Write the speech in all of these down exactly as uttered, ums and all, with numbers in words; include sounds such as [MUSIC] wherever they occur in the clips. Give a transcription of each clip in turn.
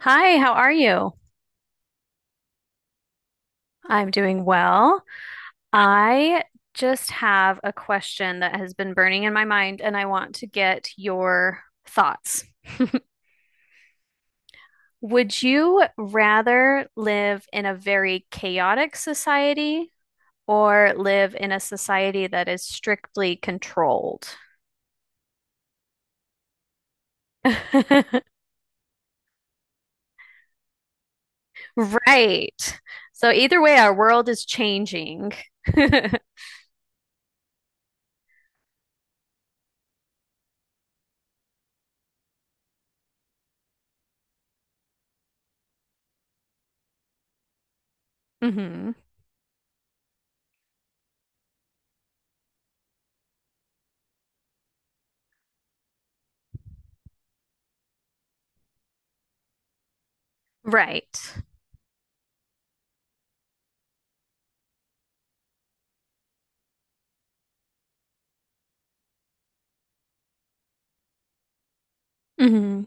Hi, how are you? I'm doing well. I just have a question that has been burning in my mind, and I want to get your thoughts. Would you rather live in a very chaotic society or live in a society that is strictly controlled? [LAUGHS] Right. So either way, our world is changing. [LAUGHS] hmm Right. hmm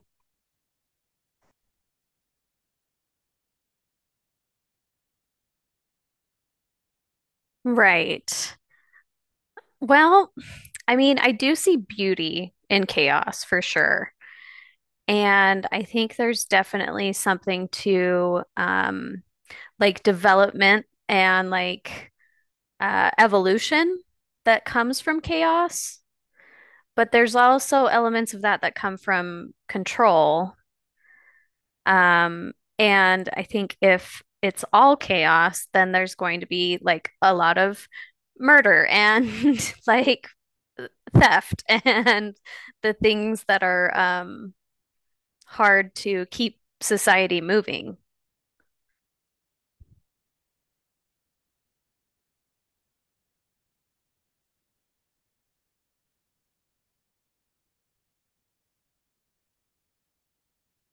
Right. Well, I mean, I do see beauty in chaos for sure. And I think there's definitely something to um, like development and like uh, evolution that comes from chaos. But there's also elements of that that come from control. Um, and I think if it's all chaos, then there's going to be like a lot of murder and [LAUGHS] like theft [LAUGHS] and the things that are um, hard to keep society moving.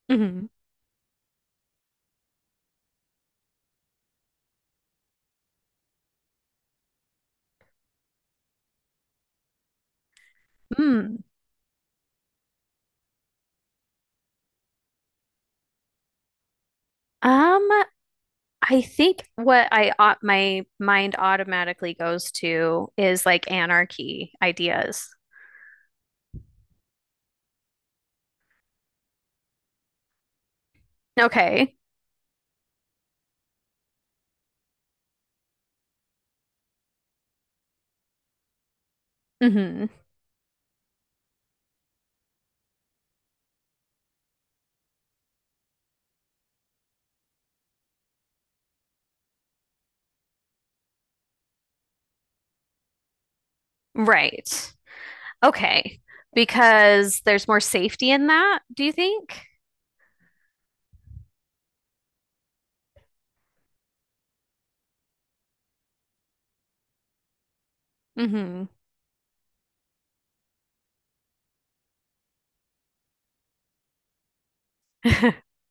Mhm. Hmm. Um, I think what I au- my mind automatically goes to is like anarchy ideas. Okay. hmm Right. Okay. Because there's more safety in that, do you think? Mhm. [LAUGHS]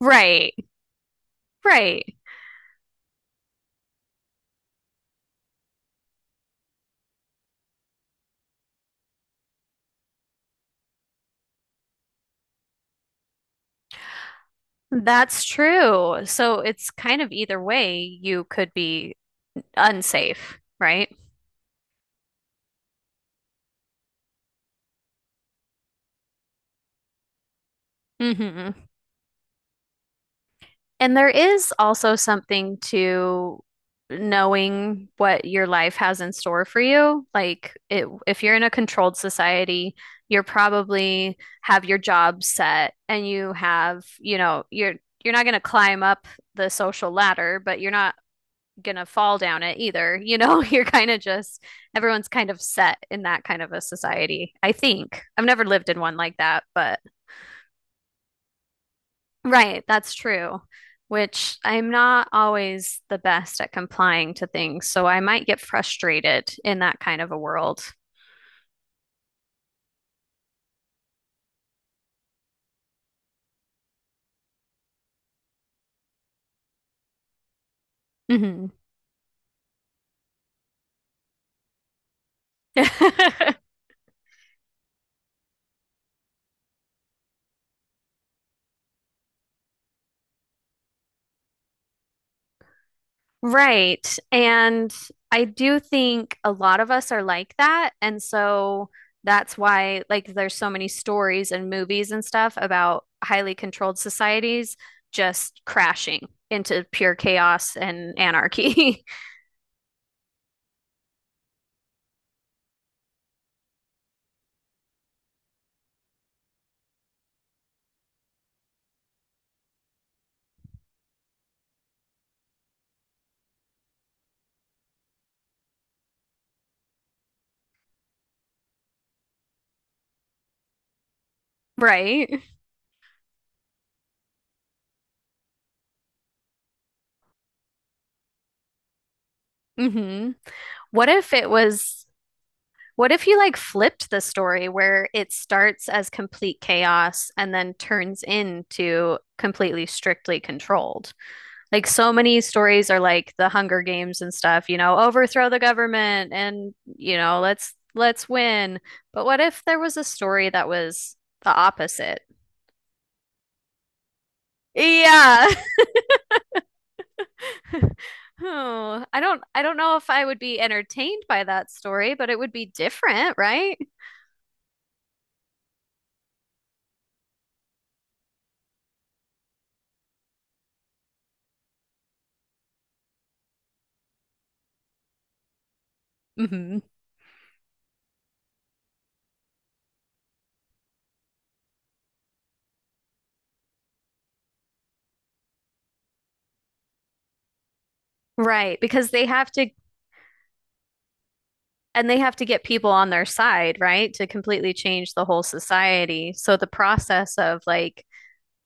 Right. Right. That's true. So it's kind of either way, you could be unsafe, right? hmm And there is also something to knowing what your life has in store for you. Like it, if you're in a controlled society, you're probably have your job set and you have, you know, you're you're not going to climb up the social ladder, but you're not gonna fall down it either. You know, [LAUGHS] you're kind of just everyone's kind of set in that kind of a society. I think I've never lived in one like that, but right, that's true. Which I'm not always the best at complying to things, so I might get frustrated in that kind of a world. Hmm [LAUGHS] Right. And I do think a lot of us are like that. And so that's why, like, there's so many stories and movies and stuff about highly controlled societies just crashing into pure chaos and anarchy. [LAUGHS] Right. hmm What if it was, what if you like flipped the story where it starts as complete chaos and then turns into completely strictly controlled? Like so many stories are like the Hunger Games and stuff, you know, overthrow the government and, you know, let's let's win. But what if there was a story that was the opposite? Yeah. [LAUGHS] Oh, I don't I don't know if I would be entertained by that story, but it would be different, right? hmm Right, because they have to, and they have to get people on their side, right, to completely change the whole society. So the process of like,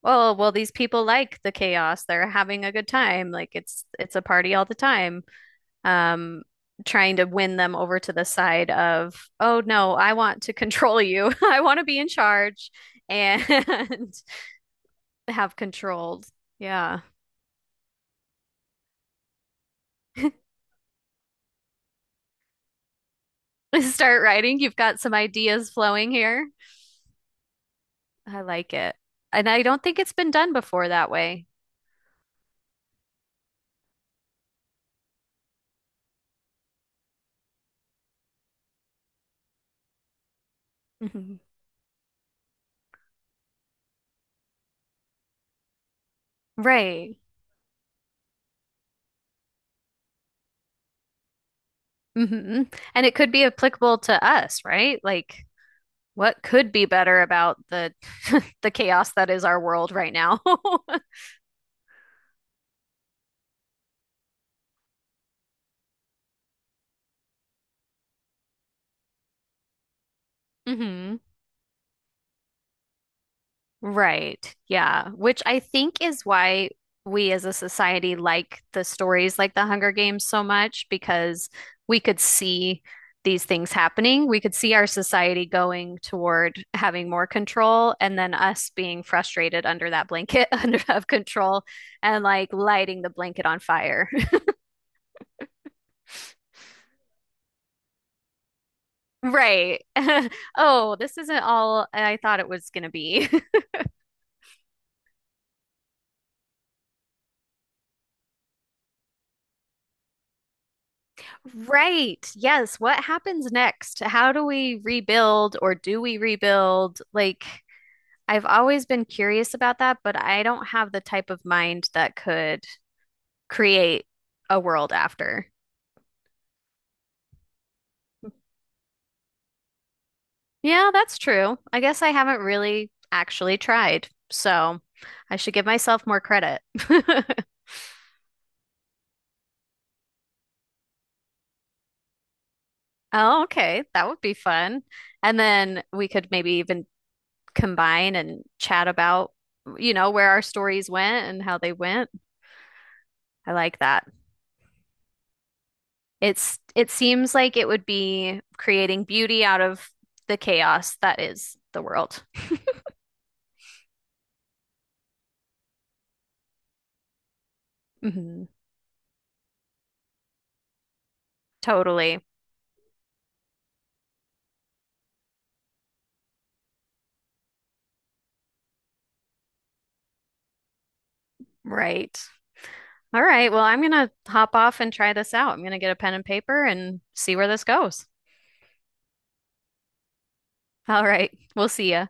oh, well, these people like the chaos. They're having a good time. Like it's it's a party all the time. Um, Trying to win them over to the side of, oh no, I want to control you. [LAUGHS] I want to be in charge and [LAUGHS] have controlled. Yeah. [LAUGHS] Start writing. You've got some ideas flowing here. I like it. And I don't think it's been done before that way. Hmm Right. hmm And it could be applicable to us, right? Like what could be better about the [LAUGHS] the chaos that is our world right now? [LAUGHS] hmm Right. Yeah. Which I think is why we as a society like the stories like The Hunger Games so much because we could see these things happening. We could see our society going toward having more control and then us being frustrated under that blanket [LAUGHS] under of control and like lighting the blanket on fire. [LAUGHS] Right. [LAUGHS] Oh, this isn't all I thought it was going to be. [LAUGHS] Right. Yes. What happens next? How do we rebuild or do we rebuild? Like, I've always been curious about that, but I don't have the type of mind that could create a world after. Yeah, that's true. I guess I haven't really actually tried. So I should give myself more credit. [LAUGHS] Oh, okay. That would be fun. And then we could maybe even combine and chat about, you know, where our stories went and how they went. I like that. It's it seems like it would be creating beauty out of the chaos that is the world. Mhm. Totally. Right. All right. Well, I'm gonna hop off and try this out. I'm gonna get a pen and paper and see where this goes. All right. We'll see ya.